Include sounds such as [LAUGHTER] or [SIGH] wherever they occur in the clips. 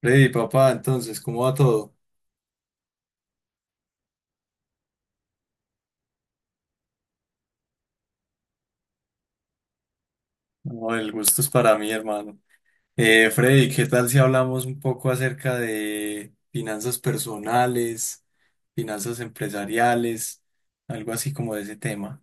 Freddy, papá, entonces, ¿cómo va todo? No, el gusto es para mí, hermano. Freddy, ¿qué tal si hablamos un poco acerca de finanzas personales, finanzas empresariales, algo así como de ese tema?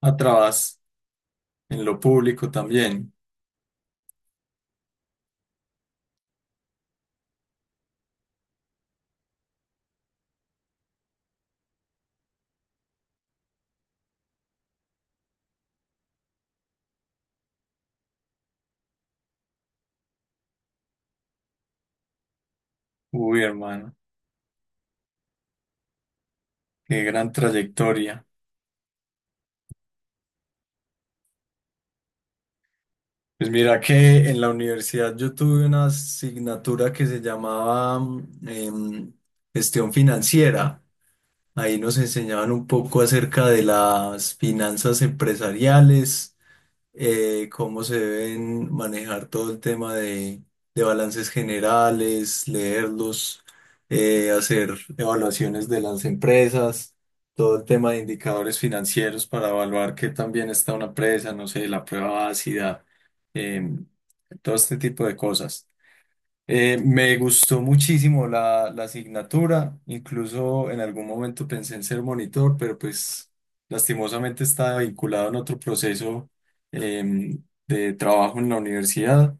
Atrás, en lo público también. Uy, hermano, qué gran trayectoria. Pues mira que en la universidad yo tuve una asignatura que se llamaba gestión financiera. Ahí nos enseñaban un poco acerca de las finanzas empresariales, cómo se deben manejar todo el tema de balances generales, leerlos, hacer evaluaciones de las empresas, todo el tema de indicadores financieros para evaluar qué tan bien está una empresa, no sé, la prueba ácida, em, todo este tipo de cosas. Me gustó muchísimo la asignatura, incluso en algún momento pensé en ser monitor, pero pues lastimosamente estaba vinculado en otro proceso de trabajo en la universidad,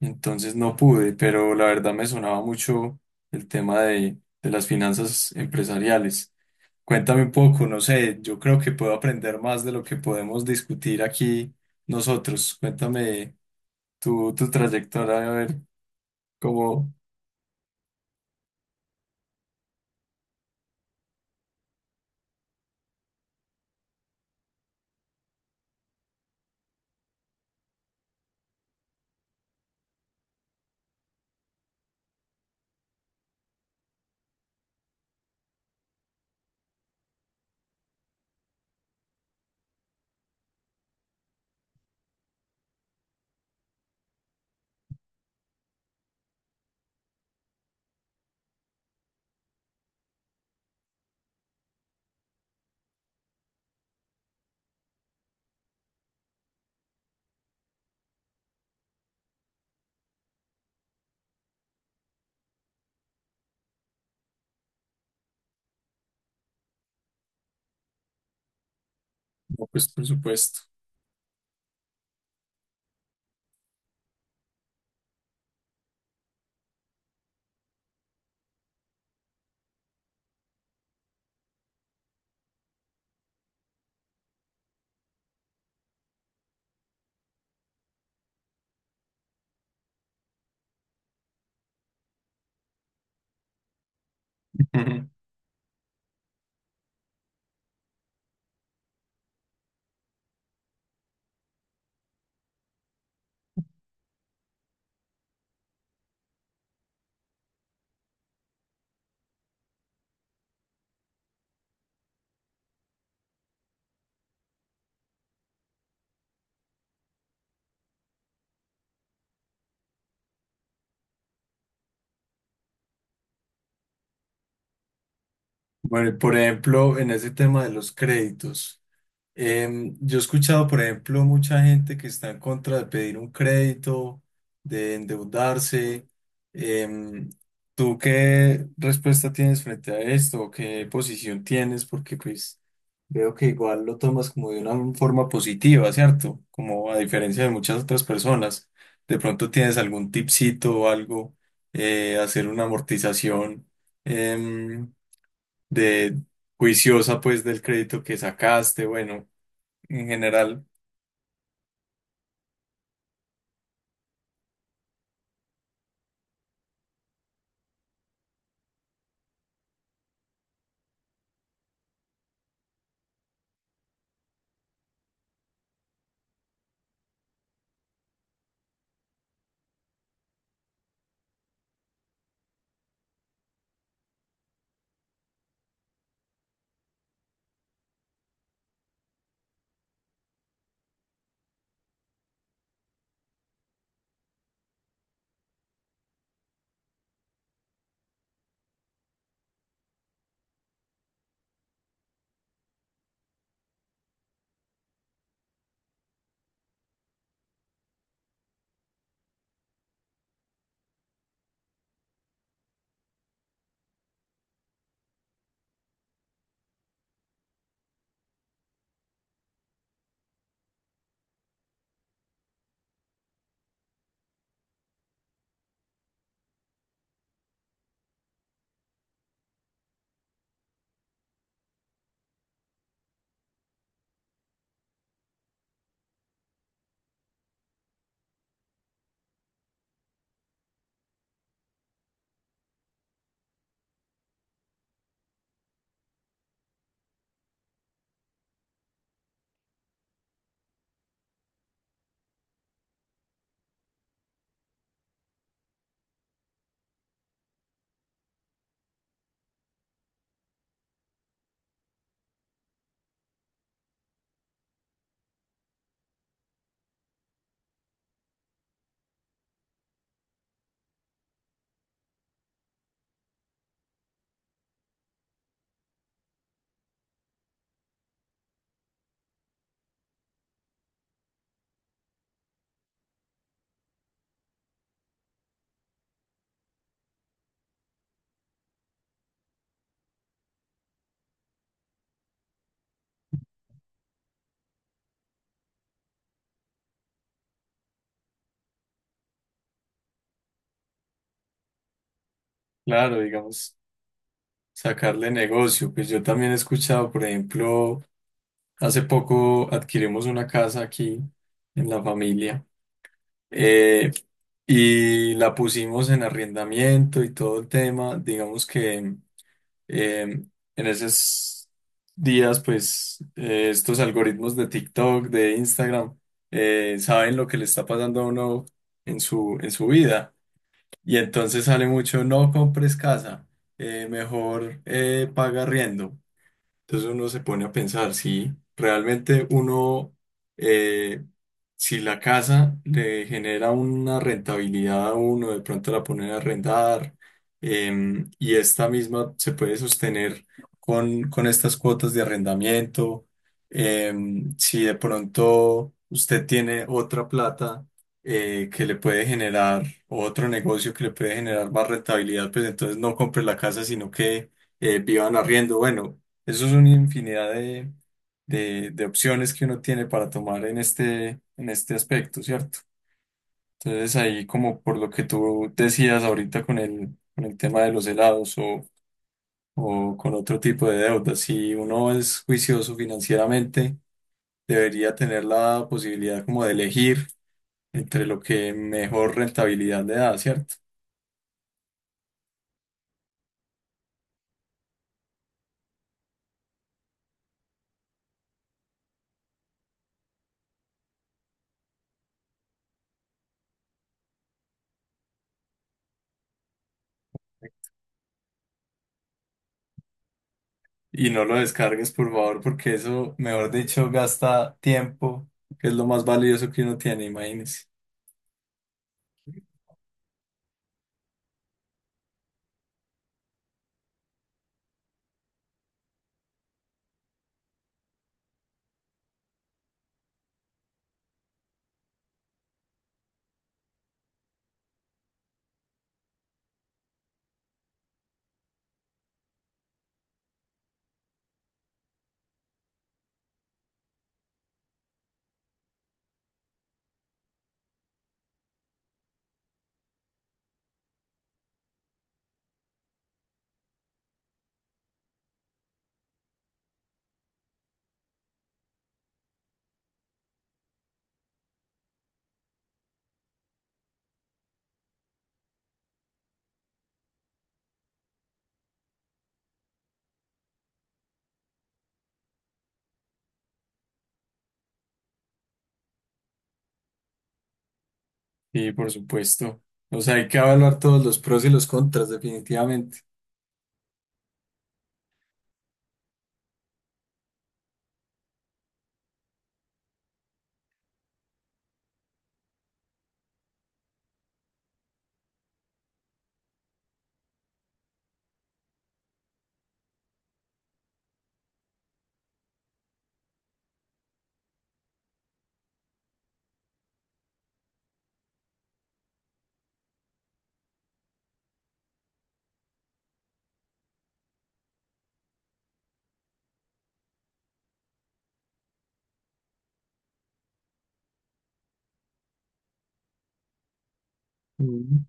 entonces no pude, pero la verdad me sonaba mucho el tema de las finanzas empresariales. Cuéntame un poco, no sé, yo creo que puedo aprender más de lo que podemos discutir aquí nosotros. Cuéntame tu trayectoria, a ver cómo... No, pues por supuesto. [LAUGHS] Bueno, y por ejemplo, en ese tema de los créditos. Yo he escuchado, por ejemplo, mucha gente que está en contra de pedir un crédito, de endeudarse. Em, ¿Tú qué respuesta tienes frente a esto? ¿O qué posición tienes? Porque pues veo que igual lo tomas como de una forma positiva, ¿cierto? Como a diferencia de muchas otras personas. De pronto tienes algún tipcito o algo, hacer una amortización em, de juiciosa pues del crédito que sacaste, bueno, en general, claro, digamos, sacarle negocio. Pues yo también he escuchado, por ejemplo, hace poco adquirimos una casa aquí en la familia, eh, y la pusimos en arrendamiento y todo el tema. Digamos que eh, en esos días, pues estos algoritmos de TikTok, de Instagram, saben lo que le está pasando a uno en en su vida. Y entonces sale mucho, no compres casa, mejor paga arriendo. Entonces uno se pone a pensar si realmente uno, eh, si la casa le genera una rentabilidad a uno, de pronto la ponen a arrendar, y esta misma se puede sostener con estas cuotas de arrendamiento, si de pronto usted tiene otra plata que le puede generar, o otro negocio que le puede generar más rentabilidad, pues entonces no compre la casa, sino que vivan arriendo. Bueno. Eso es una infinidad de opciones que uno tiene para tomar en este aspecto, ¿cierto? Entonces ahí como por lo que tú decías ahorita con con el tema de los helados o con otro tipo de deudas, si uno es juicioso financieramente, debería tener la posibilidad como de elegir entre lo que mejor rentabilidad le da, ¿cierto? Y no lo descargues, por favor, porque eso, mejor dicho, gasta tiempo, que es lo más valioso que uno tiene, imagínese. Y por supuesto. O sea, hay que evaluar todos los pros y los contras, definitivamente. Mm.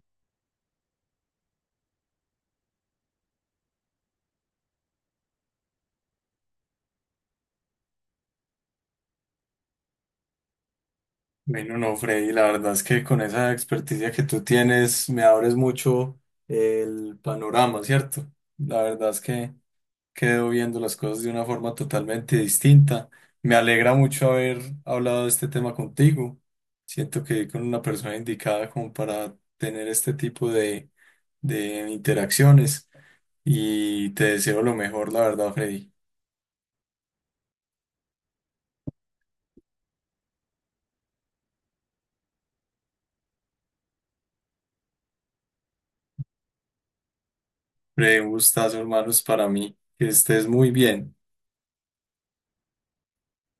Bueno, no, Freddy, la verdad es que con esa experticia que tú tienes, me abres mucho el panorama, ¿cierto? La verdad es que quedo viendo las cosas de una forma totalmente distinta. Me alegra mucho haber hablado de este tema contigo. Siento que con una persona indicada como para tener este tipo de interacciones y te deseo lo mejor, la verdad, Freddy. Freddy, un gustazo, hermanos, para mí. Que estés muy bien.